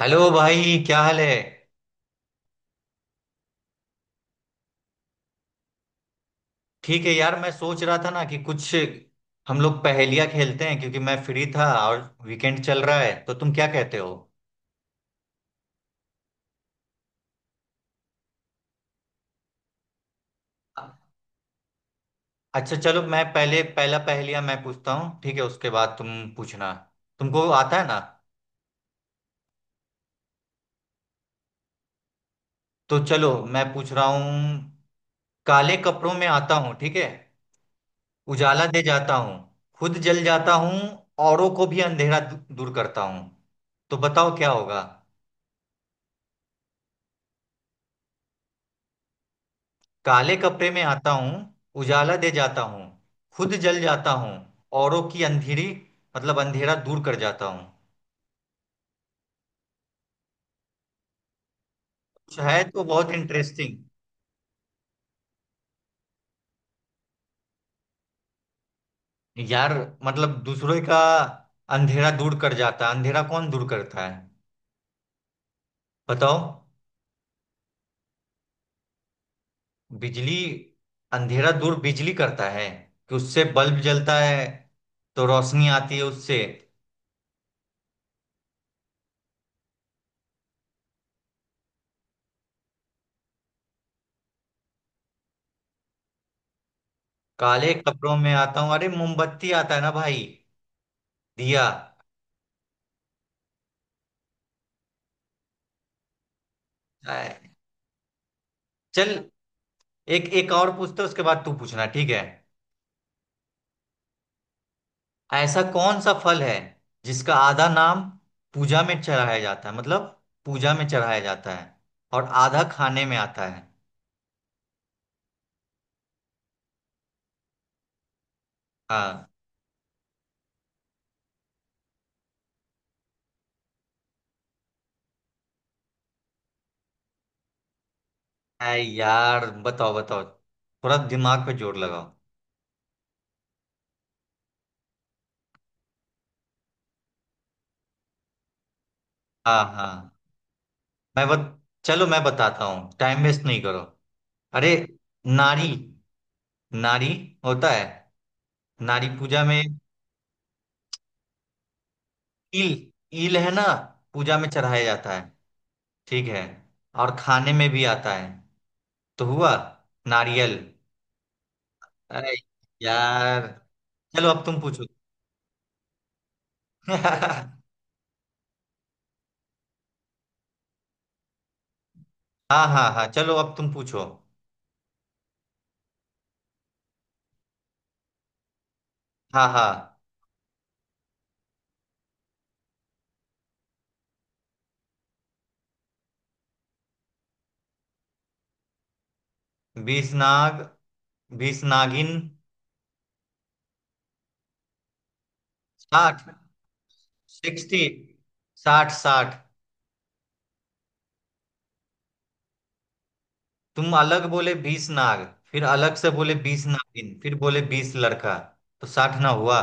Hello भाई, क्या हाल है। ठीक है यार। मैं सोच रहा था ना कि कुछ हम लोग पहेलियाँ खेलते हैं, क्योंकि मैं फ्री था और वीकेंड चल रहा है। तो तुम क्या कहते हो। अच्छा चलो, मैं पहले पहला पहेलिया मैं पूछता हूँ, ठीक है। उसके बाद तुम पूछना। तुमको आता है ना। तो चलो मैं पूछ रहा हूँ। काले कपड़ों में आता हूँ, ठीक है। उजाला दे जाता हूँ। खुद जल जाता हूँ। औरों को भी अंधेरा दूर करता हूँ। तो बताओ क्या होगा। काले कपड़े में आता हूँ। उजाला दे जाता हूँ। खुद जल जाता हूँ। औरों की अंधेरी, मतलब अंधेरा दूर कर जाता हूँ। कुछ है तो बहुत इंटरेस्टिंग। यार, मतलब दूसरों का अंधेरा दूर कर जाता है। अंधेरा कौन दूर करता है, बताओ। बिजली। अंधेरा दूर बिजली करता है, कि उससे बल्ब जलता है, तो रोशनी आती है उससे। काले कपड़ों में आता हूँ, अरे मोमबत्ती आता है ना भाई। दिया। चल, एक एक और पूछते उसके बाद तू पूछना, ठीक है। ऐसा कौन सा फल है जिसका आधा नाम पूजा में चढ़ाया जाता है, मतलब पूजा में चढ़ाया जाता है और आधा खाने में आता है। हाँ। अरे यार, बताओ बताओ। थोड़ा दिमाग पे जोर लगाओ। हाँ हाँ। मैं बत चलो मैं बताता हूँ, टाइम वेस्ट नहीं करो। अरे। नारी। नारी होता है। नारी पूजा में। ईल। ईल है ना, पूजा में चढ़ाया जाता है, ठीक है। और खाने में भी आता है। तो हुआ नारियल। अरे यार। चलो अब तुम पूछो। हाँ। हाँ हाँ, चलो अब तुम पूछो। हाँ हाँ। बीस नाग, बीस नागिन। साठ। सिक्सटी। साठ साठ। तुम अलग बोले बीस नाग, फिर अलग से बोले बीस नागिन, फिर बोले बीस लड़का। तो साठ ना हुआ।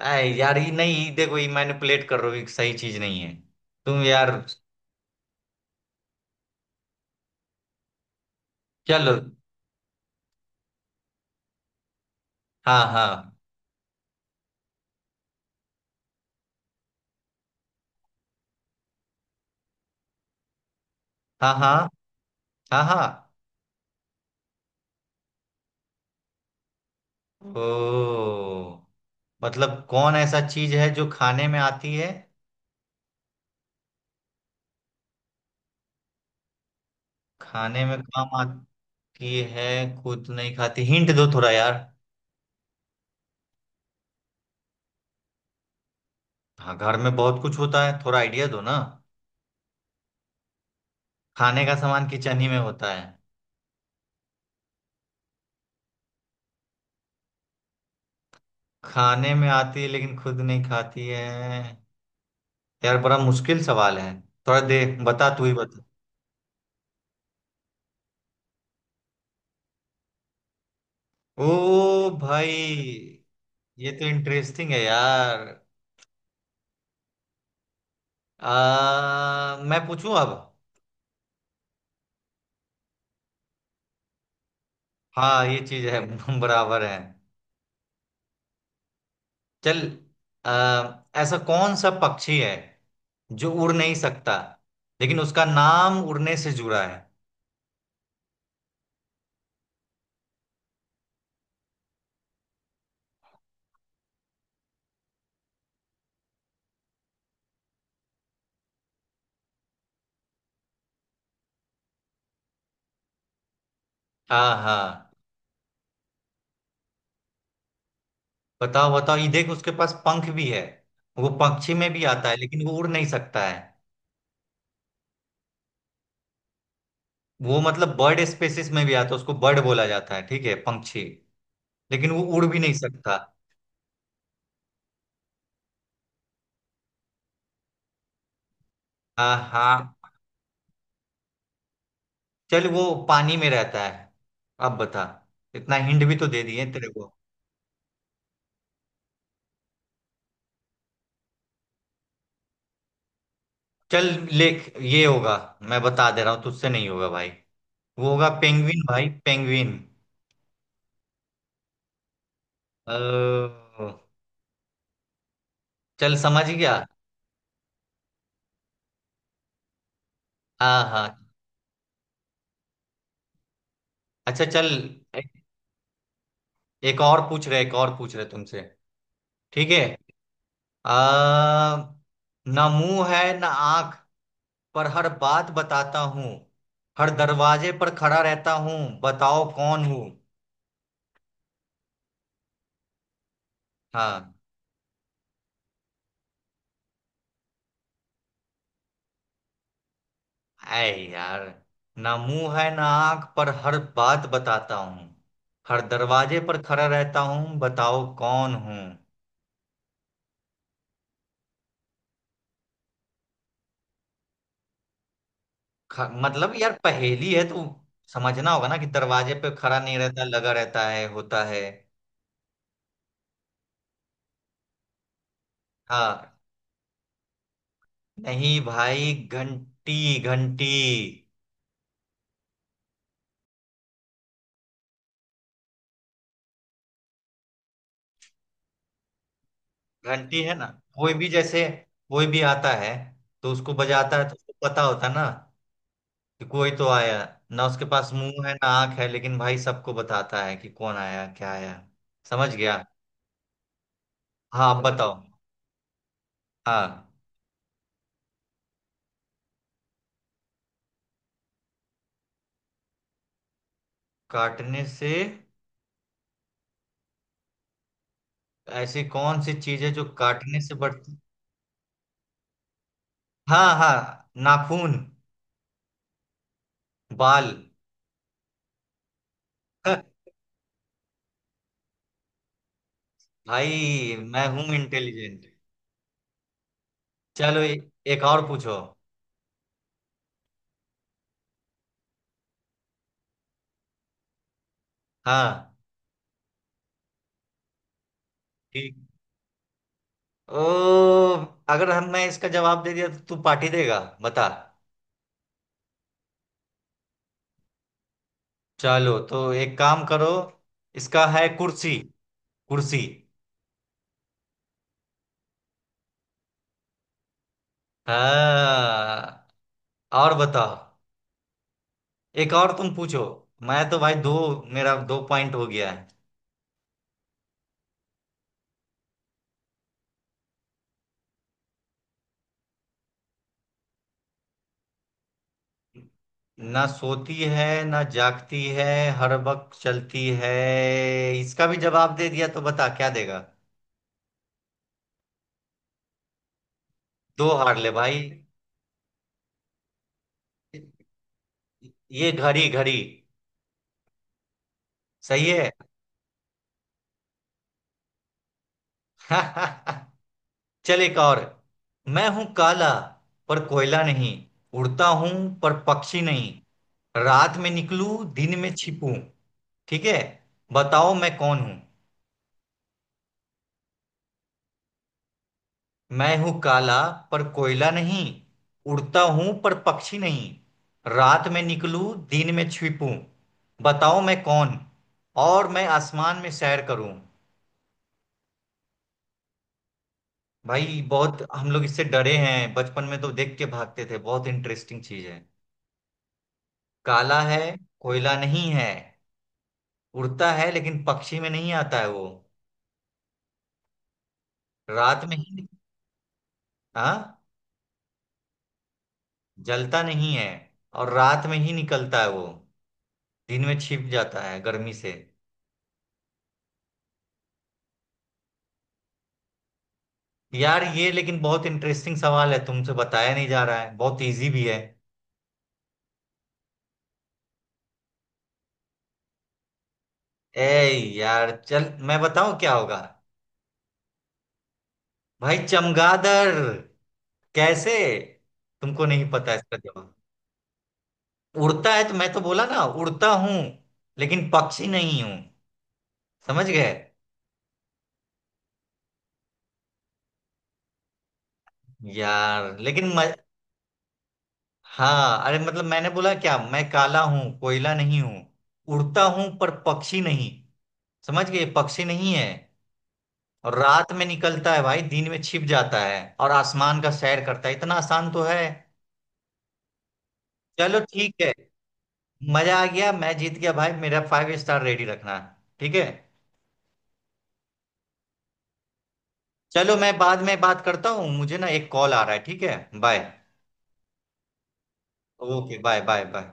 अरे यार, ये नहीं। ये देखो, ये मैनिपुलेट कर रहे हो। ये सही चीज नहीं है तुम यार। चलो। हाँ हाँ, हाँ हाँ, हाँ हाँ। ओ, मतलब कौन ऐसा चीज है जो खाने में आती है। खाने में काम आती है। खुद नहीं खाती, हिंट दो थोड़ा यार। हाँ, घर में बहुत कुछ होता है, थोड़ा आइडिया दो ना। खाने का सामान किचन ही में होता है। खाने में आती है लेकिन खुद नहीं खाती है। यार, बड़ा मुश्किल सवाल है। थोड़ा दे, बता तू ही बता। ओ भाई। ये तो इंटरेस्टिंग है यार। मैं पूछूं अब। हाँ, ये चीज है। बराबर है। चल। आ, ऐसा कौन सा पक्षी है जो उड़ नहीं सकता, लेकिन उसका नाम उड़ने से जुड़ा है। आहा। बताओ बताओ, ये देख उसके पास पंख भी है। वो पक्षी में भी आता है, लेकिन वो उड़ नहीं सकता है। वो मतलब बर्ड स्पेसिस में भी आता है, उसको बर्ड बोला जाता है, ठीक है। पंक्षी, लेकिन वो उड़ भी नहीं सकता। आहा। चल वो पानी में रहता है, अब बता। इतना हिंट भी तो दे दिए तेरे को। चल लेख ये होगा। मैं बता दे रहा हूँ, तुझसे नहीं होगा भाई। वो होगा पेंगुइन भाई, पेंगुइन। अ, चल समझ गया। हाँ हाँ। अच्छा चल। ए- एक और पूछ रहे, एक और पूछ रहे तुमसे, ठीक है। अ, ना मुंह है ना आंख, पर हर बात बताता हूँ। हर दरवाजे पर खड़ा रहता हूँ, बताओ कौन हूँ। हाँ। ऐ यार, ना मुंह है ना आंख, पर हर बात बताता हूँ। हर दरवाजे पर खड़ा रहता हूँ, बताओ कौन हूँ। मतलब यार पहेली है तो समझना होगा ना, कि दरवाजे पे खड़ा नहीं रहता, लगा रहता है, होता है। हाँ, नहीं भाई, घंटी। घंटी। घंटी है ना, कोई भी जैसे कोई भी आता है तो उसको बजाता है, तो उसको पता होता है ना कि कोई तो आया। ना उसके पास मुंह है ना आंख है, लेकिन भाई सबको बताता है कि कौन आया क्या आया। समझ गया। हाँ आप बताओ, हाँ। काटने से। ऐसी कौन सी चीज है जो काटने से बढ़ती। हाँ हाँ, नाखून, बाल। भाई मैं हूं इंटेलिजेंट। चलो एक और पूछो। हाँ। ठीक। ओ, अगर हम मैं इसका जवाब दे दिया तो तू पार्टी देगा, बता। चलो तो एक काम करो। इसका है कुर्सी। कुर्सी। हाँ और बताओ, एक और तुम पूछो। मैं तो भाई दो, मेरा दो पॉइंट हो गया। ना सोती है ना जागती है, हर वक्त चलती है। इसका भी जवाब दे दिया तो बता क्या देगा। दो हार ले भाई। ये घड़ी। घड़ी। सही है। चल एक और। मैं हूं काला, पर कोयला नहीं। उड़ता हूं, पर पक्षी नहीं। रात में निकलूं, दिन में छिपूं, ठीक है। बताओ मैं कौन हूं। मैं हूं काला पर कोयला नहीं। उड़ता हूं पर पक्षी नहीं। रात में निकलूं दिन में छिपूं। बताओ मैं कौन। और मैं आसमान में सैर करूं। भाई बहुत हम लोग इससे डरे हैं बचपन में, तो देख के भागते थे, बहुत इंटरेस्टिंग चीज है। काला है, कोयला नहीं है। उड़ता है लेकिन पक्षी में नहीं आता है वो। रात में ही। हाँ। जलता नहीं है, और रात में ही निकलता है वो। दिन में छिप जाता है गर्मी से। यार ये लेकिन बहुत इंटरेस्टिंग सवाल है, तुमसे बताया नहीं जा रहा है, बहुत इजी भी है। ए यार चल, मैं बताऊं क्या होगा। भाई चमगादड़। कैसे, तुमको नहीं पता इसका जवाब। उड़ता है तो मैं तो बोला ना, उड़ता हूं लेकिन पक्षी नहीं हूं, समझ गए। यार लेकिन हाँ, अरे मतलब मैंने बोला क्या, मैं काला हूं कोयला नहीं हूं। उड़ता हूं पर पक्षी नहीं, समझ गए, पक्षी नहीं है। और रात में निकलता है भाई, दिन में छिप जाता है, और आसमान का सैर करता है। इतना आसान तो है। चलो ठीक है। मजा आ गया, मैं जीत गया भाई, मेरा फाइव स्टार रेडी रखना, ठीक है। चलो मैं बाद में बात करता हूँ, मुझे ना एक कॉल आ रहा है, ठीक है bye. Okay bye bye bye.